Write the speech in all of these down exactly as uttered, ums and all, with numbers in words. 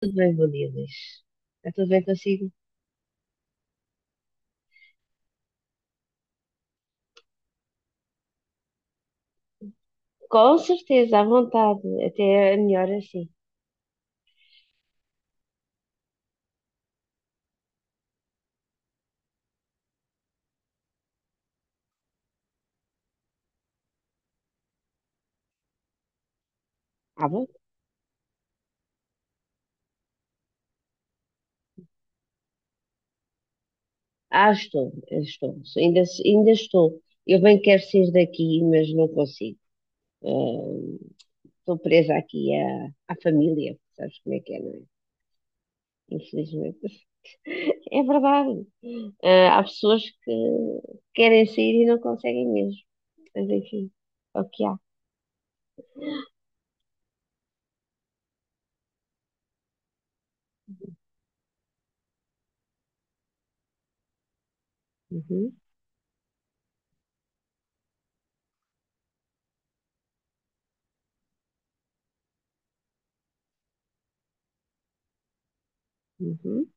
Tudo bem, bom dia, Luís. Está tudo bem consigo? Com certeza, à vontade. Até é melhor assim. Ah, bom? Ah, estou, estou. Ainda, ainda estou. Eu bem quero sair daqui, mas não consigo. Ahm, Estou presa aqui à, à família. Sabes como é que é, não é? Infelizmente. É verdade. Ah, há pessoas que querem sair e não conseguem mesmo. Mas enfim, é o que há. Uhum, uhum,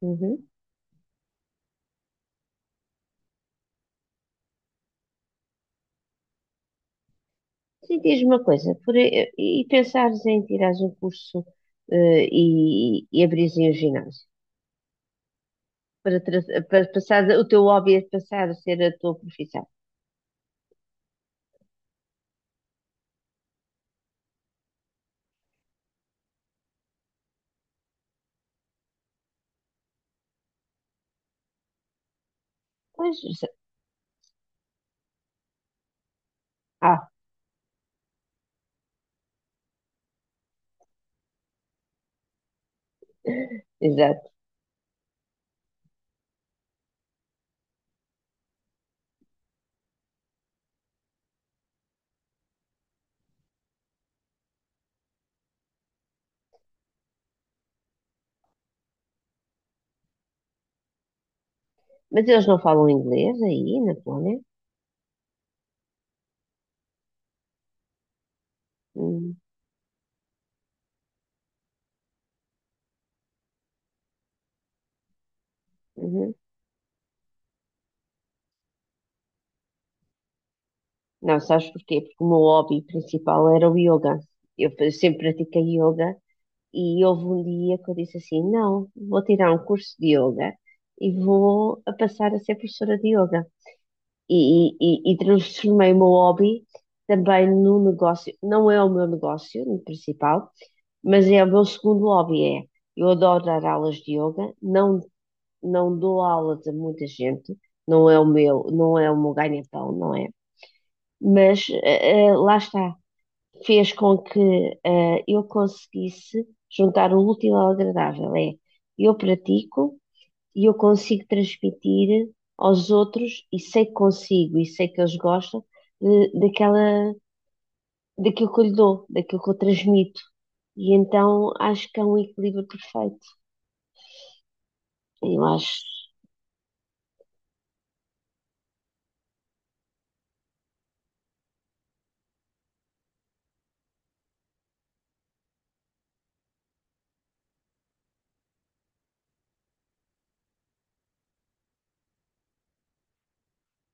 uhum. Sim, diz-me uma coisa, por, e, e pensares em tirares um curso eh, e, e abrires aí um ginásio para, tra- para passar o teu hobby a passar a ser a tua profissão. Pois, exa- ah, exato. Mas eles não falam inglês aí na Polónia? Hum, uhum. Não, sabes porquê? Porque o meu hobby principal era o yoga. Eu fa- sempre pratiquei yoga e houve um dia que eu disse assim: não, vou tirar um curso de yoga e vou a passar a ser professora de yoga. E, e, e- e transformei o meu hobby também num negócio. Não é o meu negócio principal, mas é o meu segundo hobby. É, eu adoro dar aulas de yoga, não, não dou aulas a muita gente, não é o meu, não é o meu ganha-pão, não é? Mas eh, eh, lá está, fez com que eh, eu conseguisse juntar o útil ao agradável. É, eu pratico e eu consigo transmitir aos outros e sei que consigo e sei que eles gostam de- daquela, daquilo que eu lhe dou, daquilo que eu transmito. E então acho que é um equilíbrio perfeito. Eu acho.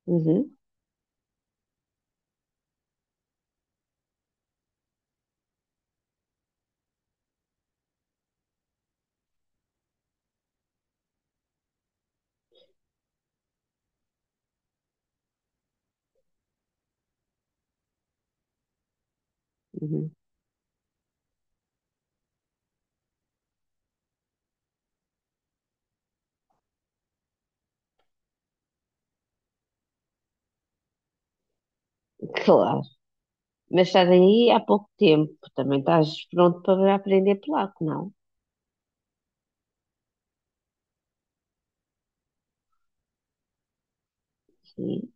Uhum, uhum, claro. Mas estás aí há pouco tempo. Também estás pronto para aprender polaco, não? Sim.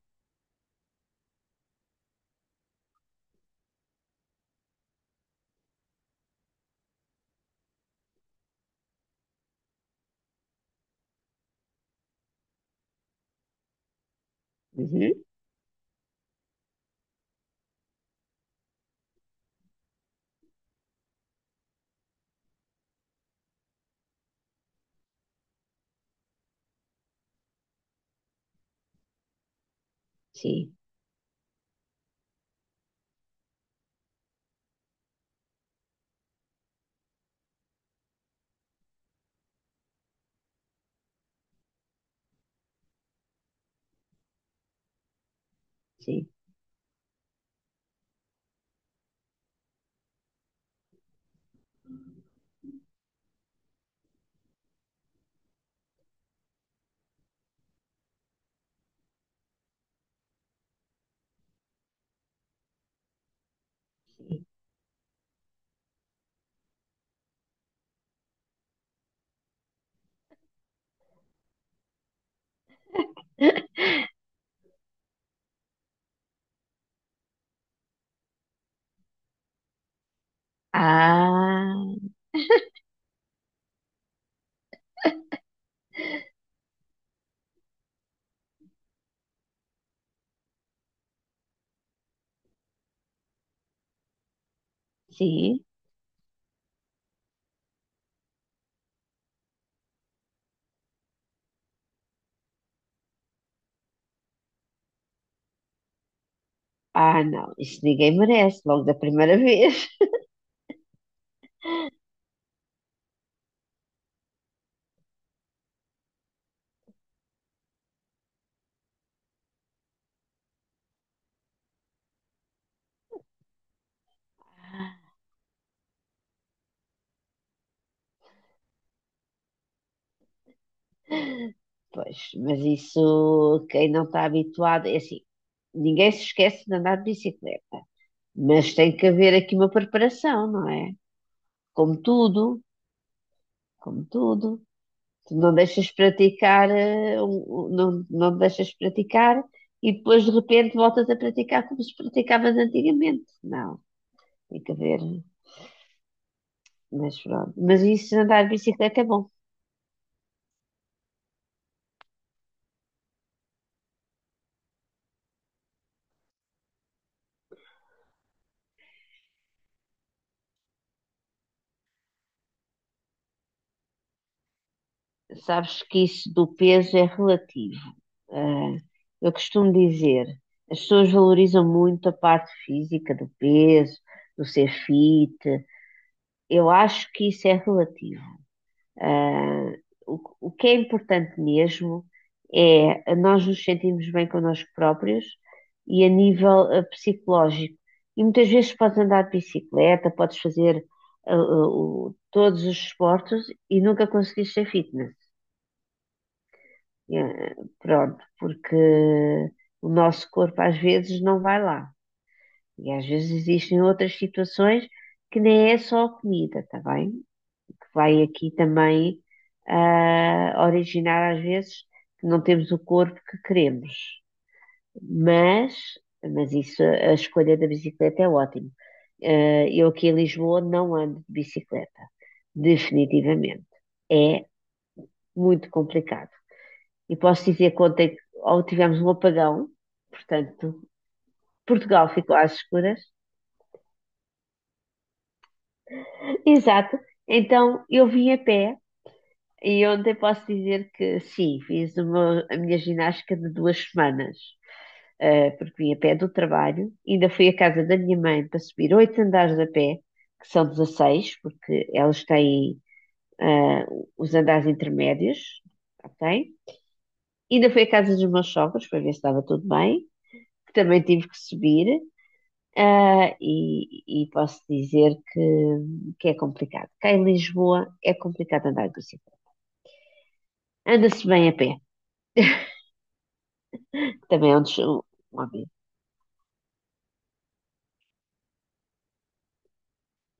Uhum, sim, sim. Ah. Sim. Ah, não, isso ninguém merece, logo da primeira vez. Pois, mas isso, quem não está habituado, é assim, ninguém se esquece de andar de bicicleta, mas tem que haver aqui uma preparação, não é? Como tudo, como tudo. Tu não deixas praticar, eh, um- um- não, não te deixas praticar e depois de repente voltas a praticar como se praticavas antigamente. Não, tem que haver, mas pronto. Mas isso de andar de bicicleta é bom. Sabes que isso do peso é relativo. Ah, eu costumo dizer, as pessoas valorizam muito a parte física do peso, do ser fit. Eu acho que isso é relativo. Ah, o, o que é importante mesmo é nós nos sentirmos bem connosco próprios e a nível ah, psicológico. E muitas vezes podes andar de bicicleta, podes fazer ah, ah, o- todos os esportes e nunca conseguires ser fitness. Eh, Pronto, porque o nosso corpo às vezes não vai lá. E às vezes existem outras situações que nem é só a comida, está bem? Que vai aqui também ah, originar às vezes que não temos o corpo que queremos. Mas, mas isso, a escolha da bicicleta é ótimo. Eh, eu aqui em Lisboa não ando de bicicleta, definitivamente. É muito complicado. E posso dizer que ontem ou tivemos um apagão, portanto, Portugal ficou às escuras. Exato. Então eu vim a pé e ontem posso dizer que sim, fiz uma- a minha ginástica de duas semanas, eh, porque vim a pé do trabalho, ainda fui à casa da minha mãe para subir oito andares a pé, que são dezasseis porque elas têm eh, os andares intermédios, ok? Ainda fui à casa dos meus sogros para ver se estava tudo bem, que também tive que subir. Ah, e, e posso dizer que, que é complicado. Cá em Lisboa é complicado andar de bicicleta. Anda-se bem a pé, também é um, des- um óbvio.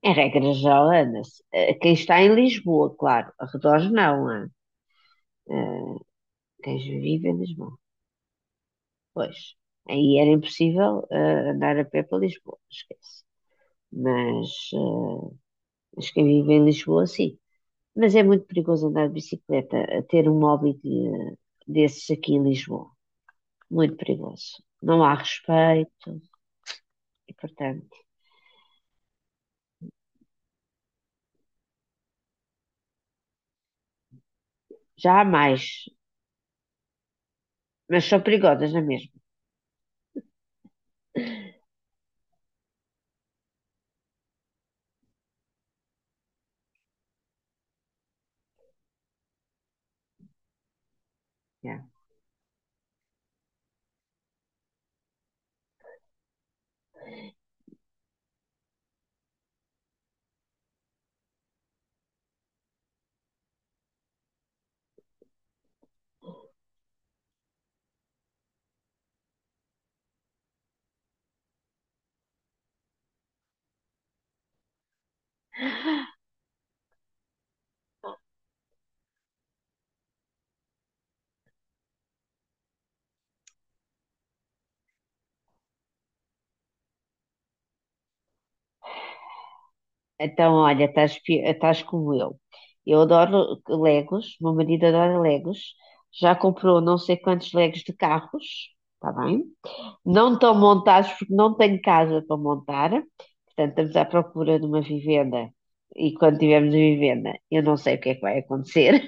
Em regra geral, anda-se. Ah, quem está em Lisboa, claro, arredores não. Ah. Ah, quem vive em Lisboa. Pois, aí era impossível, ah, andar a pé para Lisboa, esquece. Mas, ah, mas quem vive em Lisboa, sim. Mas é muito perigoso andar de bicicleta, a ter um hobby de- desses aqui em Lisboa. Muito perigoso. Não há respeito e, portanto, já há mais, mas são perigosas na mesma. Yeah. Então, olha, estás, pi- estás como eu. Eu adoro Legos, meu marido adora Legos, já comprou não sei quantos Legos de carros, está bem? Não estão montados porque não tenho casa para montar, portanto, estamos à procura de uma vivenda. E quando tivermos a vivenda, eu não sei o que é que vai acontecer,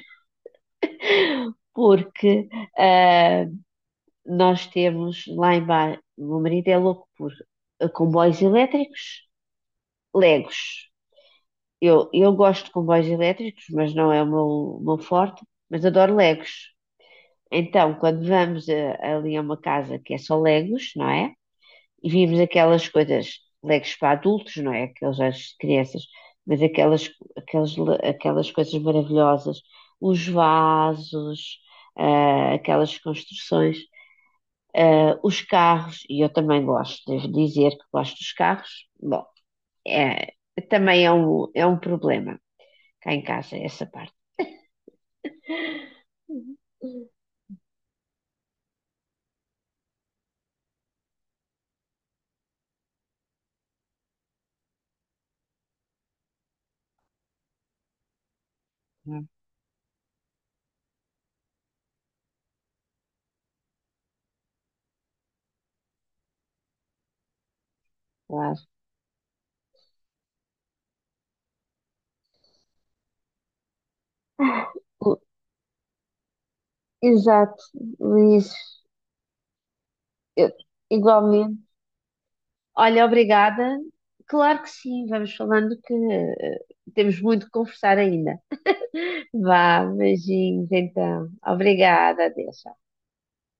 porque ah, nós temos lá em bar, o meu marido é louco por eh, comboios elétricos, Legos. Eu, eu gosto de comboios elétricos, mas não é o meu, o meu forte, mas adoro Legos. Então, quando vamos a- ali a uma casa que é só Legos, não é? E vimos aquelas coisas, Legos para adultos, não é? Aqueles às crianças, mas aquelas, aquelas, aquelas coisas maravilhosas, os vasos, ah, aquelas construções. Ah, os carros, e eu também gosto, devo dizer que gosto dos carros, bom, é, também é um, é um problema cá em casa, essa parte. Hum. Claro. O- Exato, Luís, eu- igualmente. Olha, obrigada. Claro que sim, vamos falando que eh, temos muito que conversar ainda. Vá, beijinhos então. Obrigada, adeus.